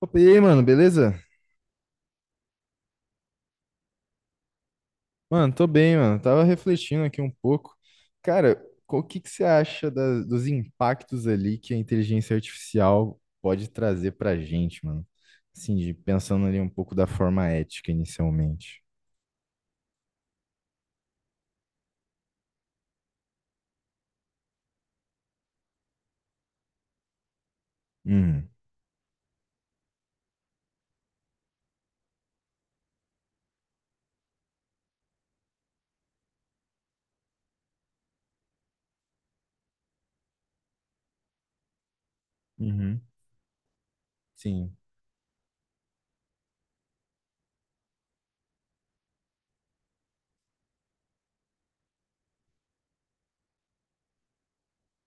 Opa, e aí, mano, beleza? Mano, tô bem, mano. Tava refletindo aqui um pouco. Cara, o que que você acha dos impactos ali que a inteligência artificial pode trazer pra gente, mano? Assim, pensando ali um pouco da forma ética inicialmente. Uhum. Uhum. Sim.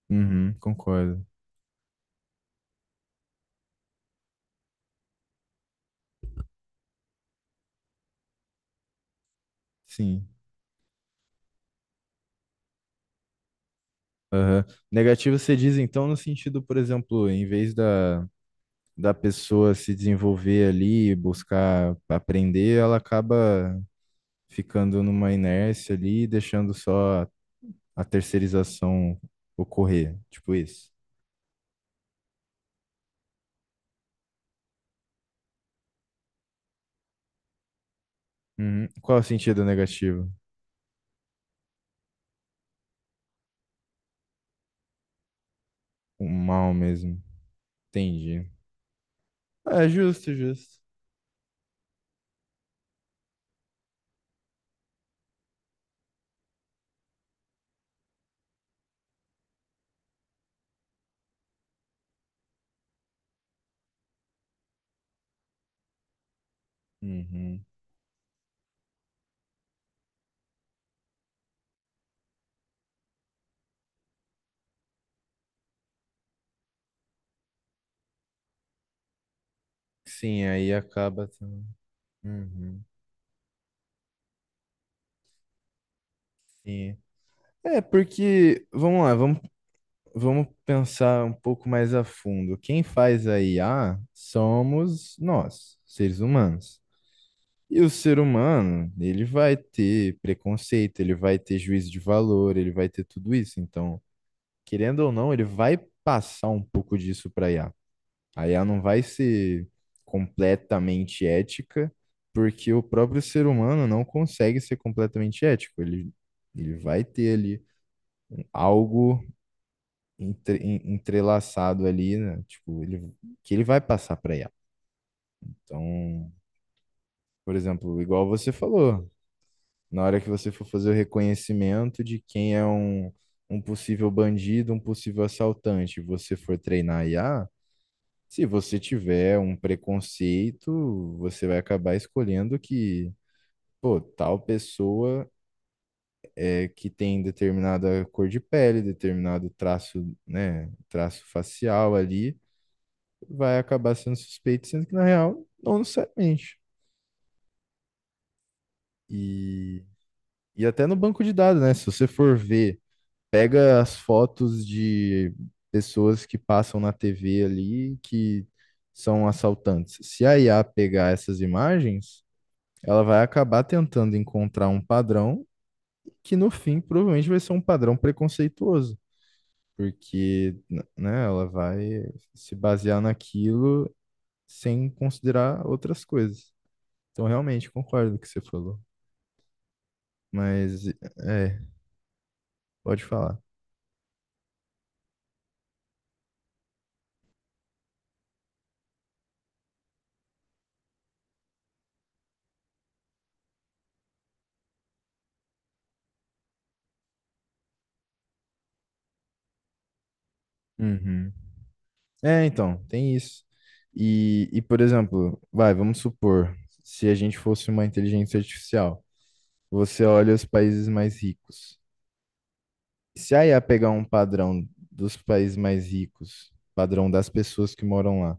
Uhum. Concordo. Sim. Aham. Negativo você diz, então, no sentido, por exemplo, em vez da pessoa se desenvolver ali, buscar aprender, ela acaba ficando numa inércia ali, e deixando só a terceirização ocorrer, tipo isso. Uhum. Qual é o sentido negativo? O mal mesmo. Entendi. É justo, justo. Uhum. Sim, aí acaba também. Uhum. Sim. É, porque, vamos lá, vamos, pensar um pouco mais a fundo. Quem faz a IA somos nós, seres humanos. E o ser humano, ele vai ter preconceito, ele vai ter juízo de valor, ele vai ter tudo isso. Então, querendo ou não, ele vai passar um pouco disso para IA. A I A não vai ser completamente ética, porque o próprio ser humano não consegue ser completamente ético. Ele vai ter ali algo entrelaçado ali, né? Tipo, ele, que ele vai passar para IA. Então, por exemplo, igual você falou. Na hora que você for fazer o reconhecimento de quem é um possível bandido, um possível assaltante, e você for treinar IA, se você tiver um preconceito, você vai acabar escolhendo que, pô, tal pessoa é que tem determinada cor de pele, determinado traço, né, traço facial ali, vai acabar sendo suspeito, sendo que na real, não necessariamente. E, e até no banco de dados, né? Se você for ver pega as fotos de pessoas que passam na TV ali que são assaltantes. Se a IA pegar essas imagens, ela vai acabar tentando encontrar um padrão que no fim provavelmente vai ser um padrão preconceituoso, porque né, ela vai se basear naquilo sem considerar outras coisas. Então, realmente concordo com o que você falou, mas é, pode falar. Uhum. É, então, tem isso. E por exemplo, vamos supor, se a gente fosse uma inteligência artificial, você olha os países mais ricos. Se a IA pegar um padrão dos países mais ricos, padrão das pessoas que moram lá,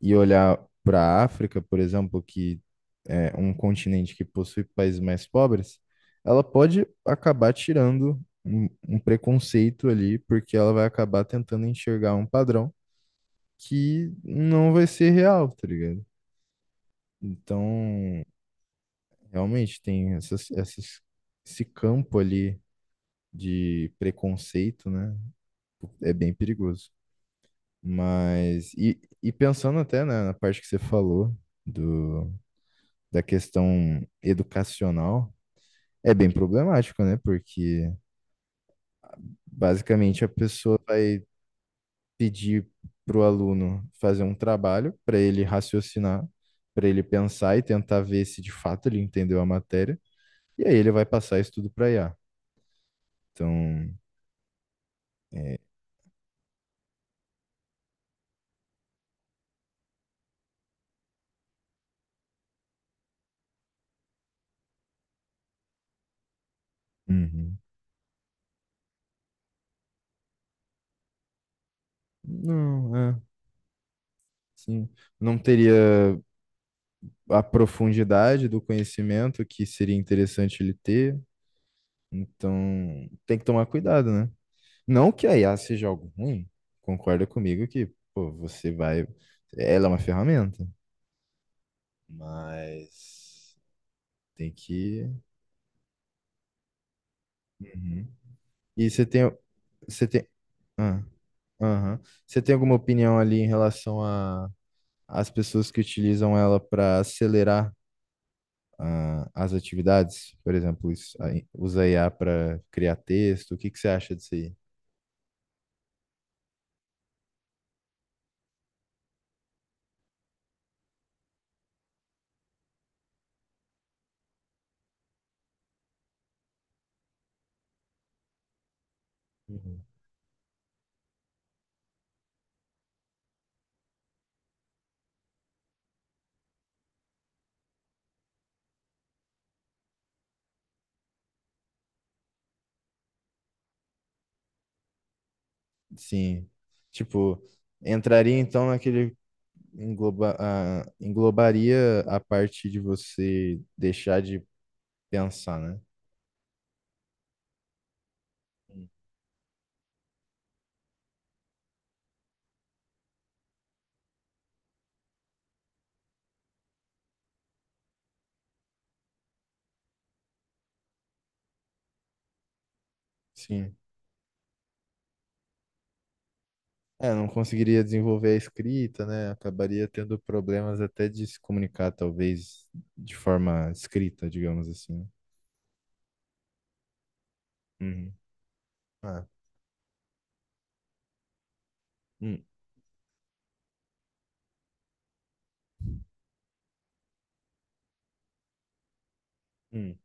e olhar para a África, por exemplo, que é um continente que possui países mais pobres, ela pode acabar tirando um preconceito ali, porque ela vai acabar tentando enxergar um padrão que não vai ser real, tá ligado? Então, realmente tem esse campo ali de preconceito, né? É bem perigoso. Mas, e pensando até, né, na parte que você falou do, da questão educacional, é bem problemático, né? Porque basicamente a pessoa vai pedir para o aluno fazer um trabalho, para ele raciocinar, para ele pensar e tentar ver se de fato ele entendeu a matéria. E aí ele vai passar isso tudo para IA. Então, é, uhum. Não, é, sim. Não teria a profundidade do conhecimento que seria interessante ele ter. Então, tem que tomar cuidado, né? Não que a IA seja algo ruim, concorda comigo que, pô, você vai. Ela é uma ferramenta, mas tem que Uhum. E você tem, ah, aham. Você tem alguma opinião ali em relação a as pessoas que utilizam ela para acelerar as atividades? Por exemplo, isso, aí, usa IA para criar texto. O que que você acha disso aí? Uhum. Sim. Tipo, entraria então naquele englobaria a parte de você deixar de pensar, né? Sim. É, não conseguiria desenvolver a escrita, né? Acabaria tendo problemas até de se comunicar, talvez, de forma escrita, digamos assim. Uhum. Ah, hum, hum.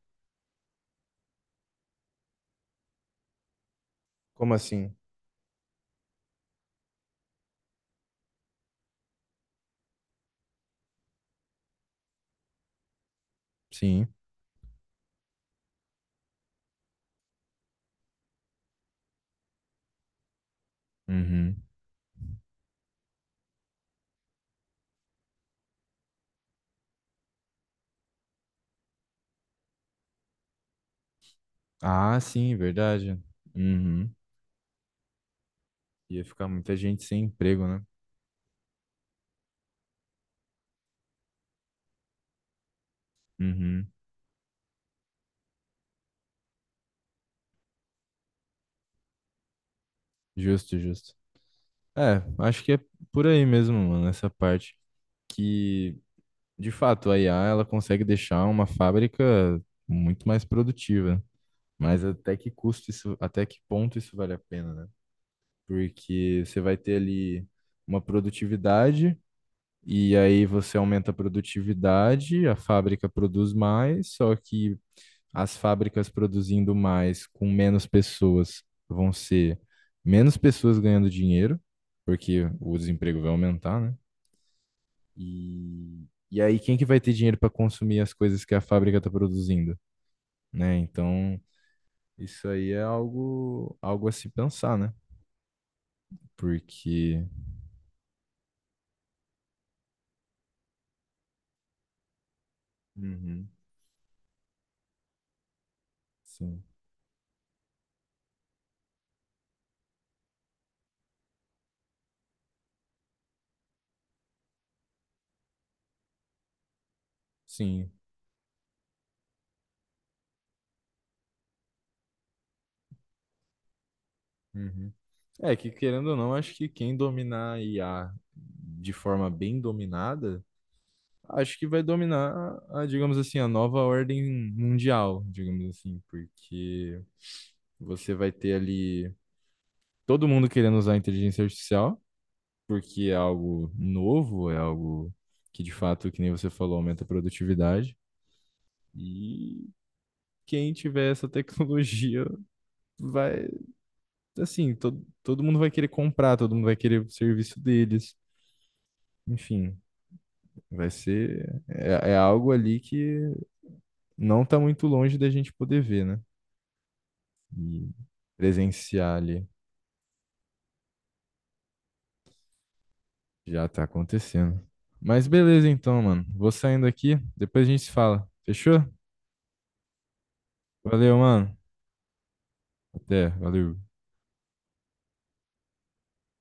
Como assim? Sim. Uhum. Ah, sim, verdade. Uhum. Ia ficar muita gente sem emprego, né? Uhum. Justo, justo. É, acho que é por aí mesmo, mano, essa parte. Que De fato, a IA ela consegue deixar uma fábrica muito mais produtiva, mas até que custo isso, até que ponto isso vale a pena, né? Porque você vai ter ali uma produtividade e aí você aumenta a produtividade, a fábrica produz mais, só que as fábricas produzindo mais com menos pessoas vão ser menos pessoas ganhando dinheiro, porque o desemprego vai aumentar, né? E aí, quem que vai ter dinheiro para consumir as coisas que a fábrica está produzindo, né? Então, isso aí é algo a se pensar, né? Porque. Uhum, sim, sim. Uhum. É que, querendo ou não, acho que quem dominar a IA de forma bem dominada, acho que vai dominar, a, digamos assim, a nova ordem mundial, digamos assim, porque você vai ter ali todo mundo querendo usar a inteligência artificial. Porque é algo novo, é algo que de fato, que nem você falou, aumenta a produtividade. E quem tiver essa tecnologia vai, assim, todo mundo vai querer comprar, todo mundo vai querer o serviço deles. Enfim, vai ser. É algo ali que não tá muito longe da gente poder ver, né? E presenciar ali já tá acontecendo. Mas beleza então, mano. Vou saindo aqui, depois a gente se fala. Fechou? Valeu, mano. Até, valeu.